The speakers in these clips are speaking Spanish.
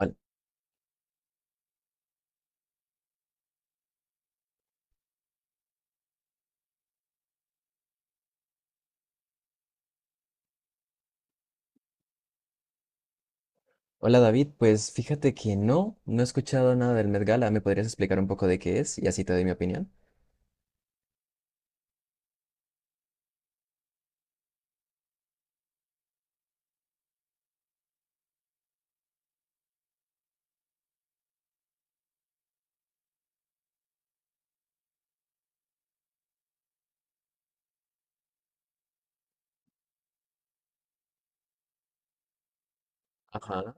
Hol- Hola David, pues fíjate que no, he escuchado nada del Met Gala. ¿Me podrías explicar un poco de qué es? Y así te doy mi opinión. Ajá.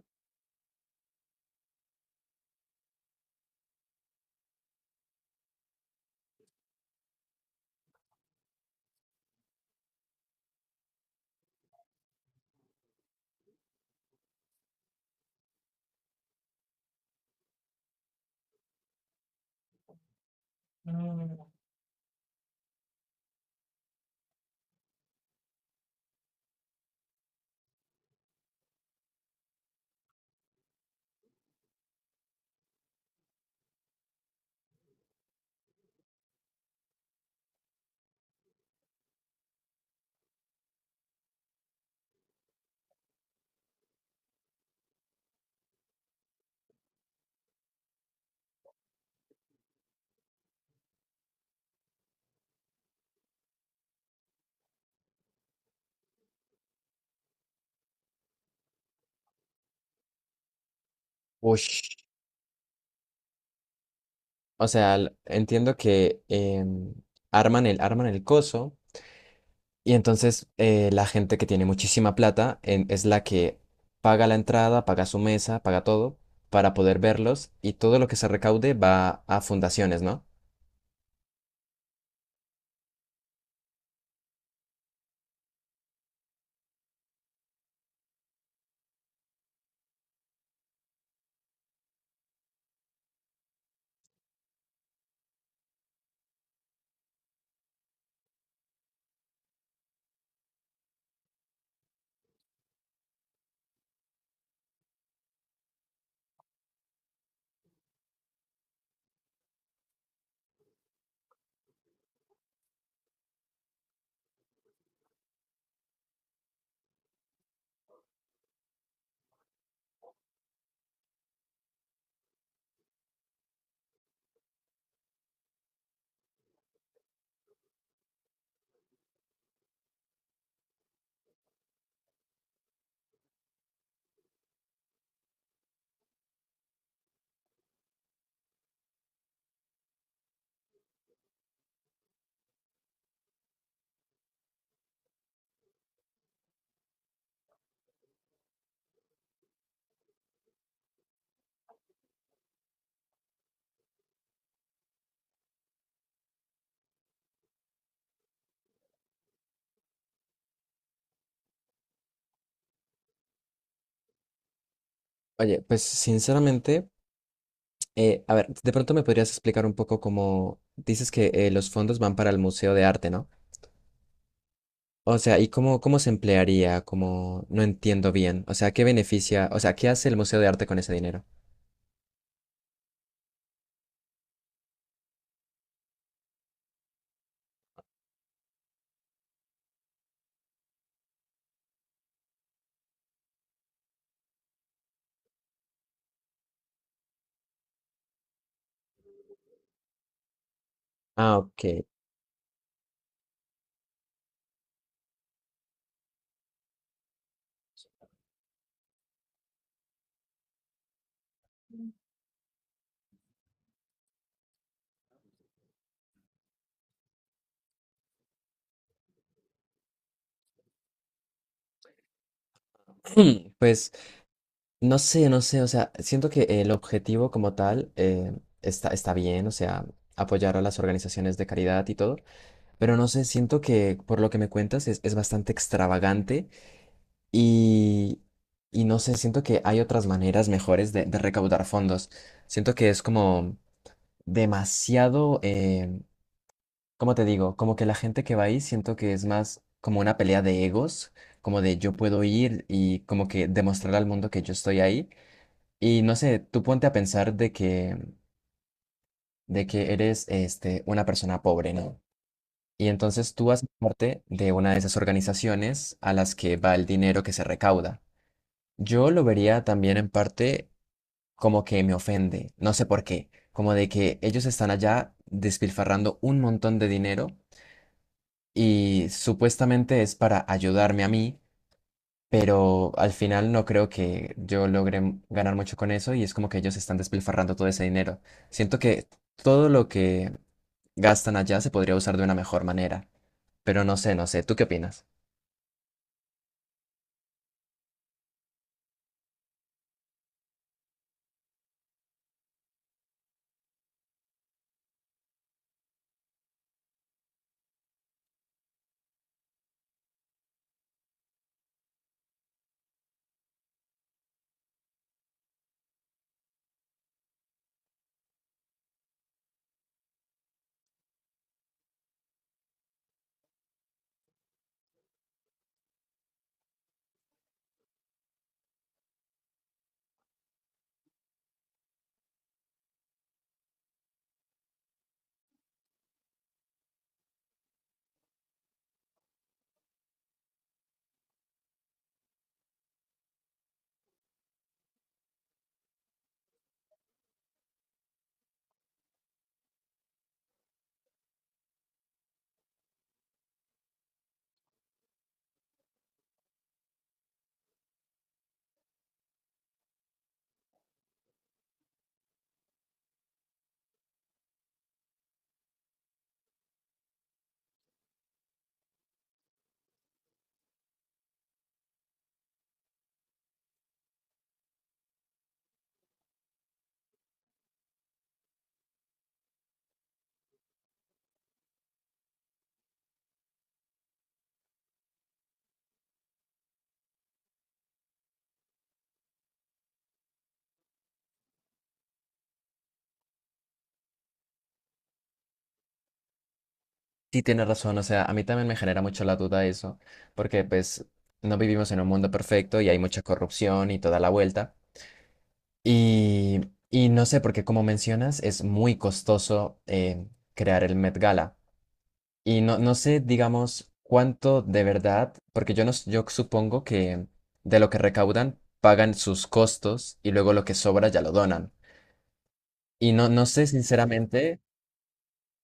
Ush. O sea, entiendo que arman arman el coso y entonces la gente que tiene muchísima plata es la que paga la entrada, paga su mesa, paga todo para poder verlos y todo lo que se recaude va a fundaciones, ¿no? Oye, pues sinceramente. A ver, de pronto me podrías explicar un poco cómo dices que los fondos van para el Museo de Arte, ¿no? O sea, ¿y cómo, cómo se emplearía? Como no entiendo bien. O sea, ¿qué beneficia? O sea, ¿qué hace el Museo de Arte con ese dinero? Ah, ok. Pues no sé, no sé. O sea, siento que el objetivo como tal está, está bien, o sea, apoyar a las organizaciones de caridad y todo. Pero no sé, siento que por lo que me cuentas es bastante extravagante. Y, y no sé, siento que hay otras maneras mejores de recaudar fondos. Siento que es como demasiado, ¿cómo te digo? Como que la gente que va ahí siento que es más como una pelea de egos, como de yo puedo ir y como que demostrar al mundo que yo estoy ahí. Y no sé, tú ponte a pensar de que eres este, una persona pobre, ¿no? Y entonces tú haces parte de una de esas organizaciones a las que va el dinero que se recauda. Yo lo vería también en parte como que me ofende, no sé por qué, como de que ellos están allá despilfarrando un montón de dinero y supuestamente es para ayudarme a mí, pero al final no creo que yo logre ganar mucho con eso y es como que ellos están despilfarrando todo ese dinero. Siento que todo lo que gastan allá se podría usar de una mejor manera, pero no sé, no sé, ¿tú qué opinas? Sí, tienes razón, o sea, a mí también me genera mucho la duda eso, porque pues no vivimos en un mundo perfecto y hay mucha corrupción y toda la vuelta. Y, y no sé, porque como mencionas, es muy costoso crear el Met Gala. Y no, no sé, digamos, cuánto de verdad, porque yo, no, yo supongo que de lo que recaudan pagan sus costos y luego lo que sobra ya lo donan. Y no, no sé, sinceramente,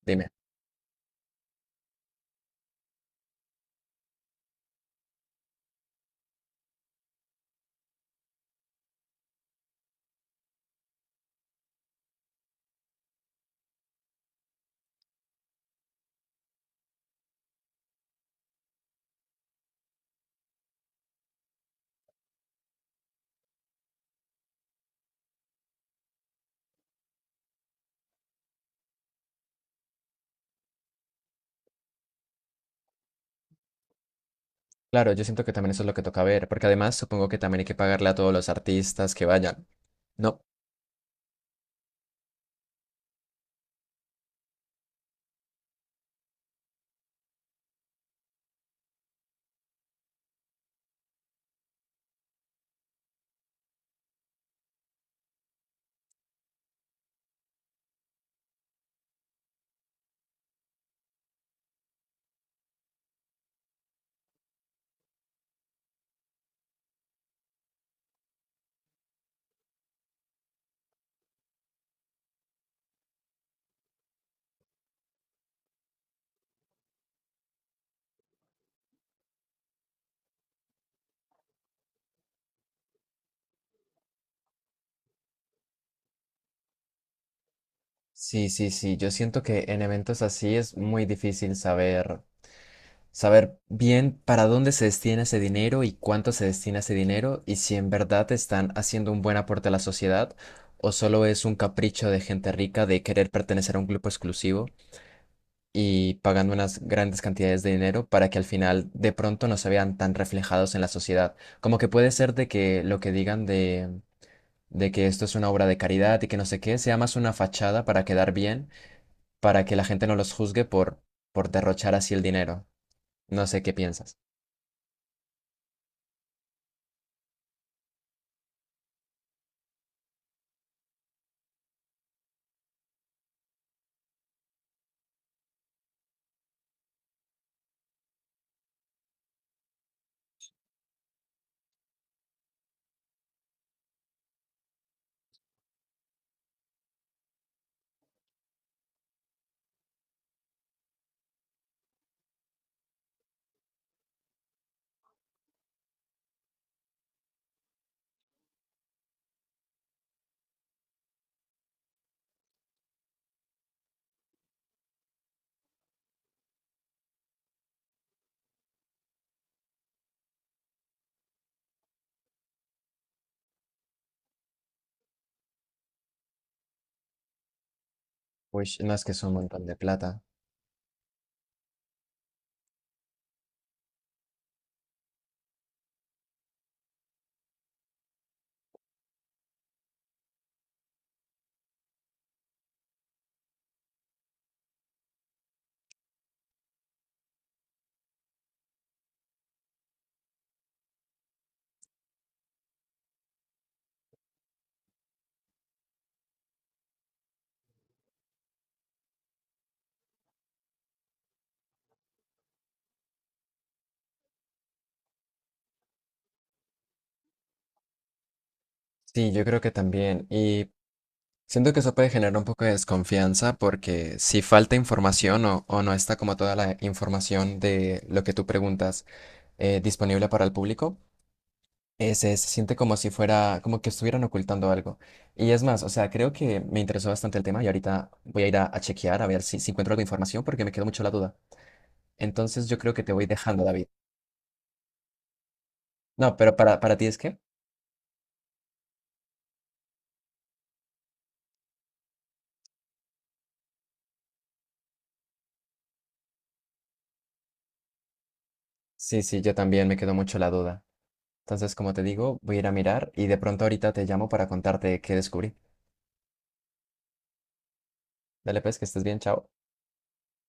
dime. Claro, yo siento que también eso es lo que toca ver, porque además supongo que también hay que pagarle a todos los artistas que vayan. No. Sí, sí, sí, yo siento que en eventos así es muy difícil saber. Saber bien para dónde se destina ese dinero y cuánto se destina ese dinero y si en verdad están haciendo un buen aporte a la sociedad o solo es un capricho de gente rica de querer pertenecer a un grupo exclusivo y pagando unas grandes cantidades de dinero para que al final de pronto no se vean tan reflejados en la sociedad. Como que puede ser de que lo que digan de… de que esto es una obra de caridad y que no sé qué, sea más una fachada para quedar bien, para que la gente no los juzgue por derrochar así el dinero. No sé qué piensas. Uy, no, es que es un montón de plata. Sí, yo creo que también. Y siento que eso puede generar un poco de desconfianza porque si falta información o no está como toda la información de lo que tú preguntas disponible para el público, se siente como si fuera, como que estuvieran ocultando algo. Y es más, o sea, creo que me interesó bastante el tema y ahorita voy a ir a chequear a ver si, si encuentro algo de información porque me quedó mucho la duda. Entonces yo creo que te voy dejando, David. No, pero para ti es que… Sí, sí, yo también me quedó mucho la duda. Entonces, como te digo, voy a ir a mirar y de pronto ahorita te llamo para contarte qué descubrí. Dale pues, que estés bien, chao.